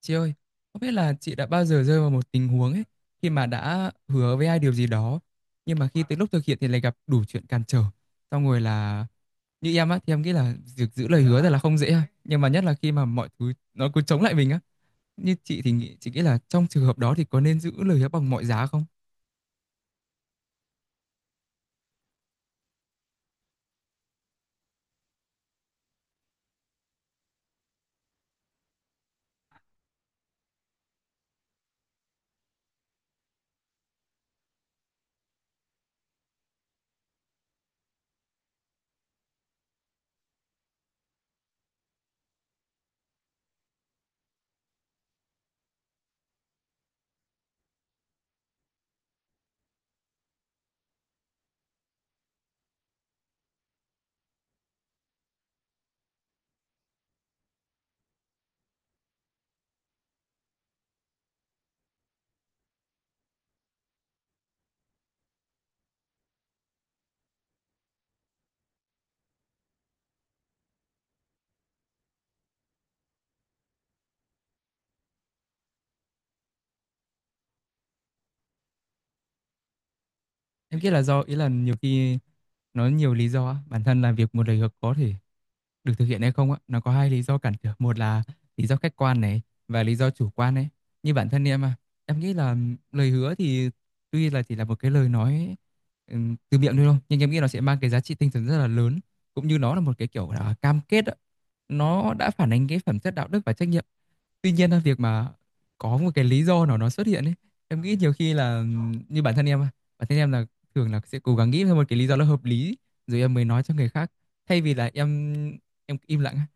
Chị ơi, không biết là chị đã bao giờ rơi vào một tình huống ấy khi mà đã hứa với ai điều gì đó nhưng mà khi tới lúc thực hiện thì lại gặp đủ chuyện cản trở. Xong rồi là như em á thì em nghĩ là việc giữ lời hứa thật là không dễ ha. Nhưng mà nhất là khi mà mọi thứ nó cứ chống lại mình á. Như chị thì chị nghĩ là trong trường hợp đó thì có nên giữ lời hứa bằng mọi giá không? Em nghĩ là do ý là nhiều khi nó nhiều lý do á, bản thân là việc một lời hứa có thể được thực hiện hay không á nó có hai lý do cản trở, một là lý do khách quan này và lý do chủ quan ấy. Như bản thân em à, em nghĩ là lời hứa thì tuy là chỉ là một cái lời nói, từ miệng thôi đâu nhưng em nghĩ nó sẽ mang cái giá trị tinh thần rất là lớn, cũng như nó là một cái kiểu là cam kết á. Nó đã phản ánh cái phẩm chất đạo đức và trách nhiệm. Tuy nhiên là việc mà có một cái lý do nào nó xuất hiện ấy, em nghĩ nhiều khi là như bản thân em á, bản thân em là thường là sẽ cố gắng nghĩ ra một cái lý do nó hợp lý rồi em mới nói cho người khác, thay vì là em im lặng á.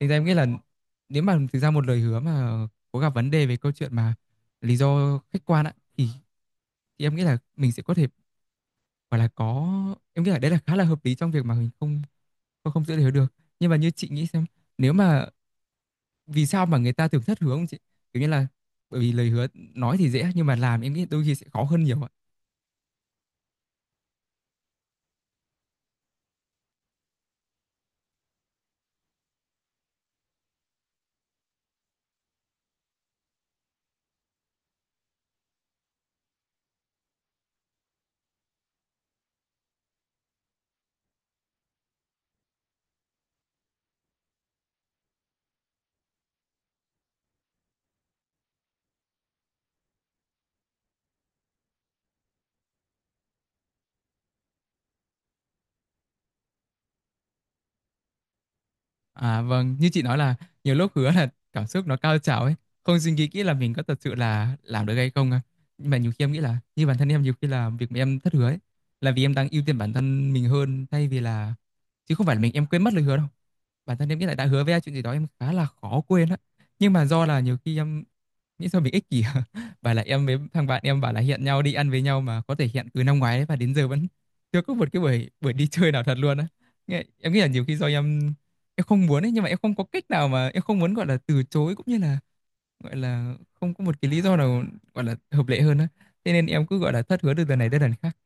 Thành ra em nghĩ là nếu mà thực ra một lời hứa mà có gặp vấn đề về câu chuyện mà lý do khách quan á thì em nghĩ là mình sẽ có thể gọi là có, em nghĩ là đấy là khá là hợp lý trong việc mà mình không, không giữ lời hứa được. Nhưng mà như chị nghĩ xem, nếu mà vì sao mà người ta thường thất hướng chị, kiểu như là bởi vì lời hứa nói thì dễ nhưng mà làm em nghĩ đôi khi sẽ khó hơn nhiều ạ. À vâng, như chị nói là nhiều lúc hứa là cảm xúc nó cao trào ấy, không suy nghĩ kỹ là mình có thật sự là làm được hay không à. Nhưng mà nhiều khi em nghĩ là như bản thân em, nhiều khi là việc mà em thất hứa ấy là vì em đang ưu tiên bản thân mình hơn thay vì là, chứ không phải là mình em quên mất lời hứa đâu. Bản thân em nghĩ là đã hứa với ai chuyện gì đó em khá là khó quên á, nhưng mà do là nhiều khi em nghĩ sao mình ích kỷ và là em với thằng bạn em bảo là hẹn nhau đi ăn với nhau mà có thể hẹn từ năm ngoái đấy và đến giờ vẫn chưa có một cái buổi buổi đi chơi nào thật luôn á. Em nghĩ là nhiều khi do em không muốn ấy, nhưng mà em không có cách nào mà em không muốn gọi là từ chối, cũng như là gọi là không có một cái lý do nào gọi là hợp lệ hơn á, thế nên em cứ gọi là thất hứa từ lần này đến lần khác.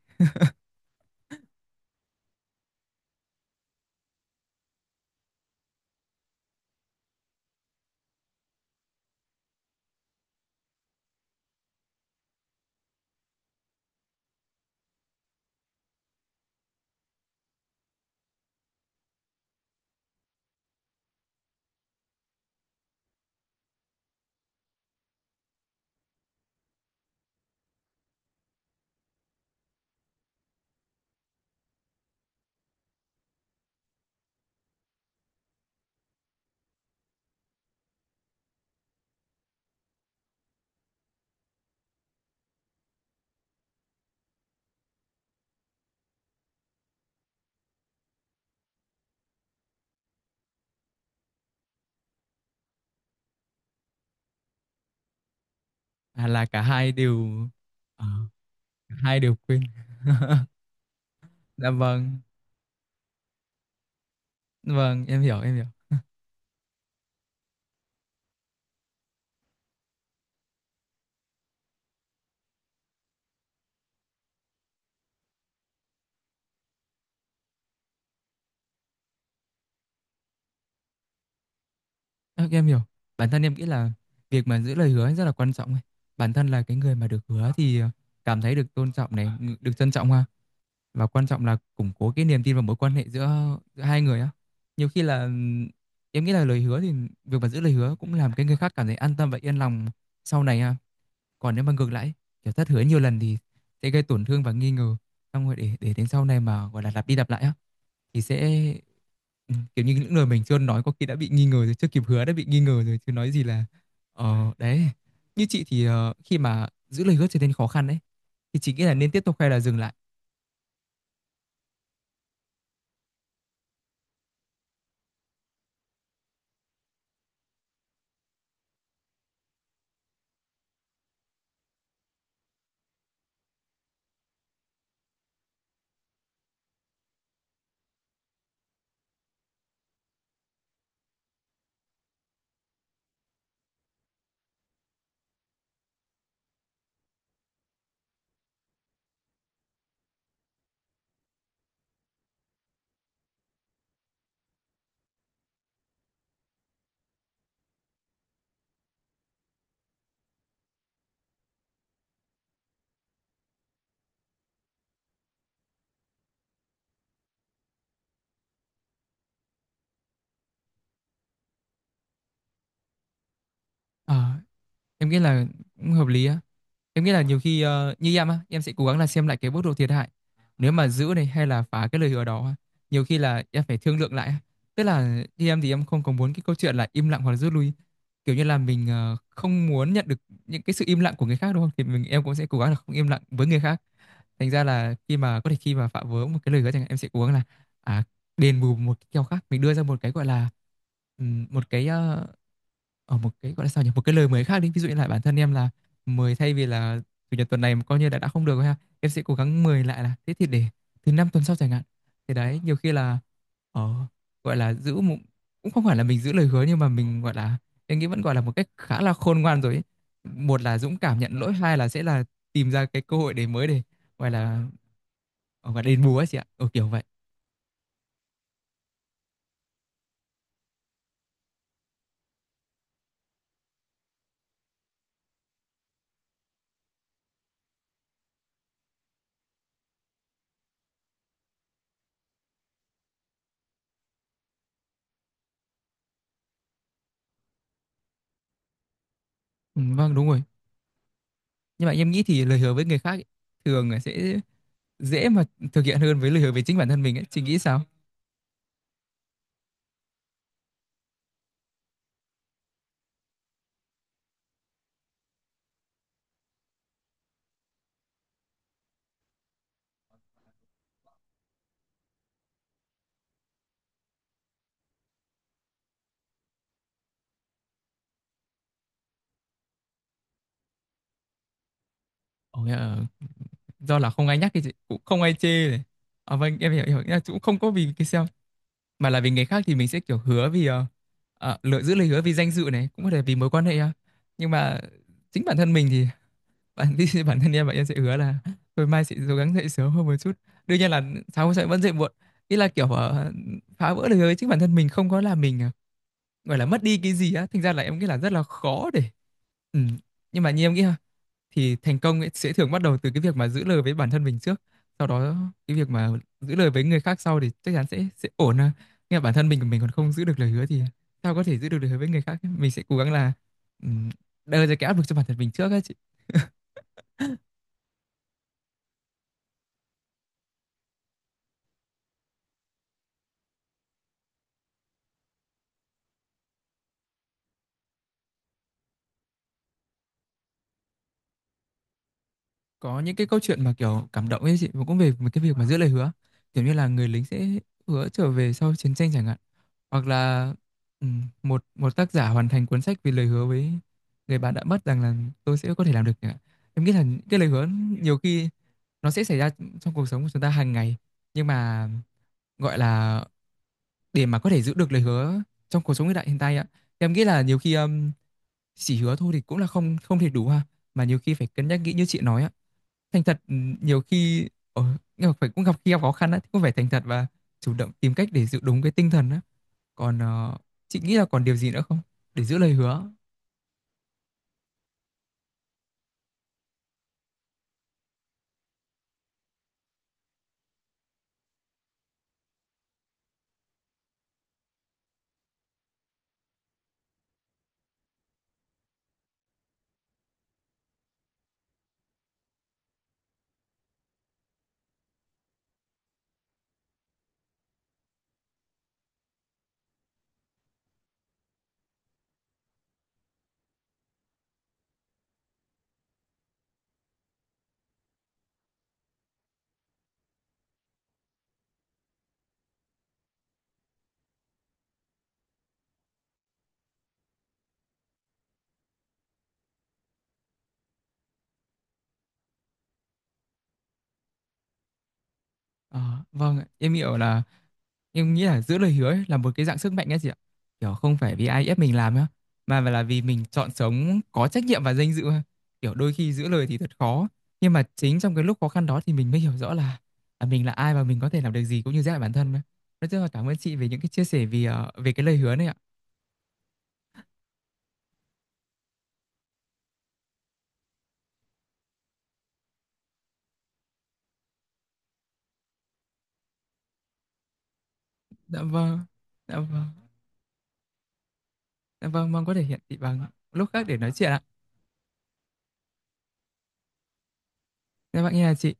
À là cả hai đều À, cả hai đều quên. Dạ vâng. Vâng, em hiểu, em hiểu. Ơ, em hiểu. Bản thân em nghĩ là việc mà giữ lời hứa ấy rất là quan trọng ấy. Bản thân là cái người mà được hứa thì cảm thấy được tôn trọng này, được trân trọng ha. Và quan trọng là củng cố cái niềm tin và mối quan hệ giữa, giữa hai người á. Nhiều khi là em nghĩ là lời hứa thì việc mà giữ lời hứa cũng làm cái người khác cảm thấy an tâm và yên lòng sau này ha. Còn nếu mà ngược lại, kiểu thất hứa nhiều lần thì sẽ gây tổn thương và nghi ngờ. Xong rồi để đến sau này mà gọi là lặp đi lặp lại á, thì sẽ kiểu như, những lời mình chưa nói có khi đã bị nghi ngờ rồi, chưa kịp hứa đã bị nghi ngờ rồi, chứ nói gì là đấy. Như chị thì, khi mà giữ lời hứa trở nên khó khăn đấy, thì chị nghĩ là nên tiếp tục hay là dừng lại? Ờ, em nghĩ là cũng hợp lý á. Em nghĩ là nhiều khi như em á, em sẽ cố gắng là xem lại cái mức độ thiệt hại. Nếu mà giữ này hay là phá cái lời hứa đó, nhiều khi là em phải thương lượng lại á. Tức là như em thì em không có muốn cái câu chuyện là im lặng hoặc là rút lui. Kiểu như là mình không muốn nhận được những cái sự im lặng của người khác đúng không? Thì em cũng sẽ cố gắng là không im lặng với người khác. Thành ra là khi mà có thể, khi mà phạm vỡ một cái lời hứa chẳng hạn, em sẽ cố gắng là à, đền bù một cái kèo khác. Mình đưa ra một cái gọi là một cái ở một cái gọi là sao nhỉ, một cái lời mới khác đi, ví dụ như là bản thân em là 10 thay vì là chủ nhật tuần này mà coi như đã không được rồi ha, em sẽ cố gắng 10 lại là thế thì để thứ năm tuần sau chẳng hạn. Thì đấy nhiều khi là ờ, gọi là giữ một, cũng không phải là mình giữ lời hứa nhưng mà mình gọi là em nghĩ vẫn gọi là một cách khá là khôn ngoan rồi ấy. Một là dũng cảm nhận lỗi, hai là sẽ là tìm ra cái cơ hội để mới để gọi là gọi là đền bù ấy chị ạ, ừ, kiểu vậy. Ừ, vâng đúng rồi, nhưng mà em nghĩ thì lời hứa với người khác ấy, thường là sẽ dễ mà thực hiện hơn với lời hứa với chính bản thân mình ấy, chị nghĩ sao? Ồ, nghĩa là do là không ai nhắc thì chị, cũng không ai chê này. À, vâng em hiểu, hiểu. Nghĩa là cũng không có vì cái sao mà là vì người khác thì mình sẽ kiểu hứa vì lựa giữ lời hứa vì danh dự này, cũng có thể vì mối quan hệ à. Nhưng mà chính bản thân mình thì bản bản thân em và em sẽ hứa là thôi mai sẽ cố gắng dậy sớm hơn một chút, đương nhiên là sáng sẽ vẫn dậy muộn. Ý là kiểu phá vỡ lời hứa với chính bản thân mình không có là mình gọi là mất đi cái gì á, thành ra là em nghĩ là rất là khó để ừ. Nhưng mà như em nghĩ ha, thì thành công ấy sẽ thường bắt đầu từ cái việc mà giữ lời với bản thân mình trước, sau đó cái việc mà giữ lời với người khác sau thì chắc chắn sẽ ổn à. Nhưng mà bản thân mình của mình còn không giữ được lời hứa thì sao có thể giữ được lời hứa với người khác ấy. Mình sẽ cố gắng là ừm, đưa ra cái áp lực cho bản thân mình trước ấy chị. Có những cái câu chuyện mà kiểu cảm động ấy chị, và cũng về một cái việc mà giữ lời hứa, kiểu như là người lính sẽ hứa trở về sau chiến tranh chẳng hạn, hoặc là ừ, một một tác giả hoàn thành cuốn sách vì lời hứa với người bạn đã mất rằng là tôi sẽ có thể làm được chẳng hạn. Em nghĩ là những cái lời hứa nhiều khi nó sẽ xảy ra trong cuộc sống của chúng ta hàng ngày, nhưng mà gọi là để mà có thể giữ được lời hứa trong cuộc sống hiện đại hiện tại ạ, em nghĩ là nhiều khi chỉ hứa thôi thì cũng là không không thể đủ ha, mà nhiều khi phải cân nhắc kỹ như chị nói ạ. Thành thật ừ, nhiều khi nhưng mà phải cũng gặp khi gặp khó khăn á thì cũng phải thành thật và chủ động tìm cách để giữ đúng cái tinh thần á. Còn chị nghĩ là còn điều gì nữa không để giữ lời hứa? Ờ, vâng ạ. Em hiểu là em nghĩ là giữ lời hứa ấy là một cái dạng sức mạnh ấy chị ạ, kiểu không phải vì ai ép mình làm á, mà là vì mình chọn sống có trách nhiệm và danh dự ha. Kiểu đôi khi giữ lời thì thật khó, nhưng mà chính trong cái lúc khó khăn đó thì mình mới hiểu rõ là mình là ai và mình có thể làm được gì cũng như giới hạn bản thân á. Nói chung là cảm ơn chị về những cái chia sẻ về về cái lời hứa này ạ. Dạ vâng. Dạ vâng. Dạ vâng, mong có thể hiện thị bằng lúc khác để nói chuyện ạ. Dạ bạn nghe là chị.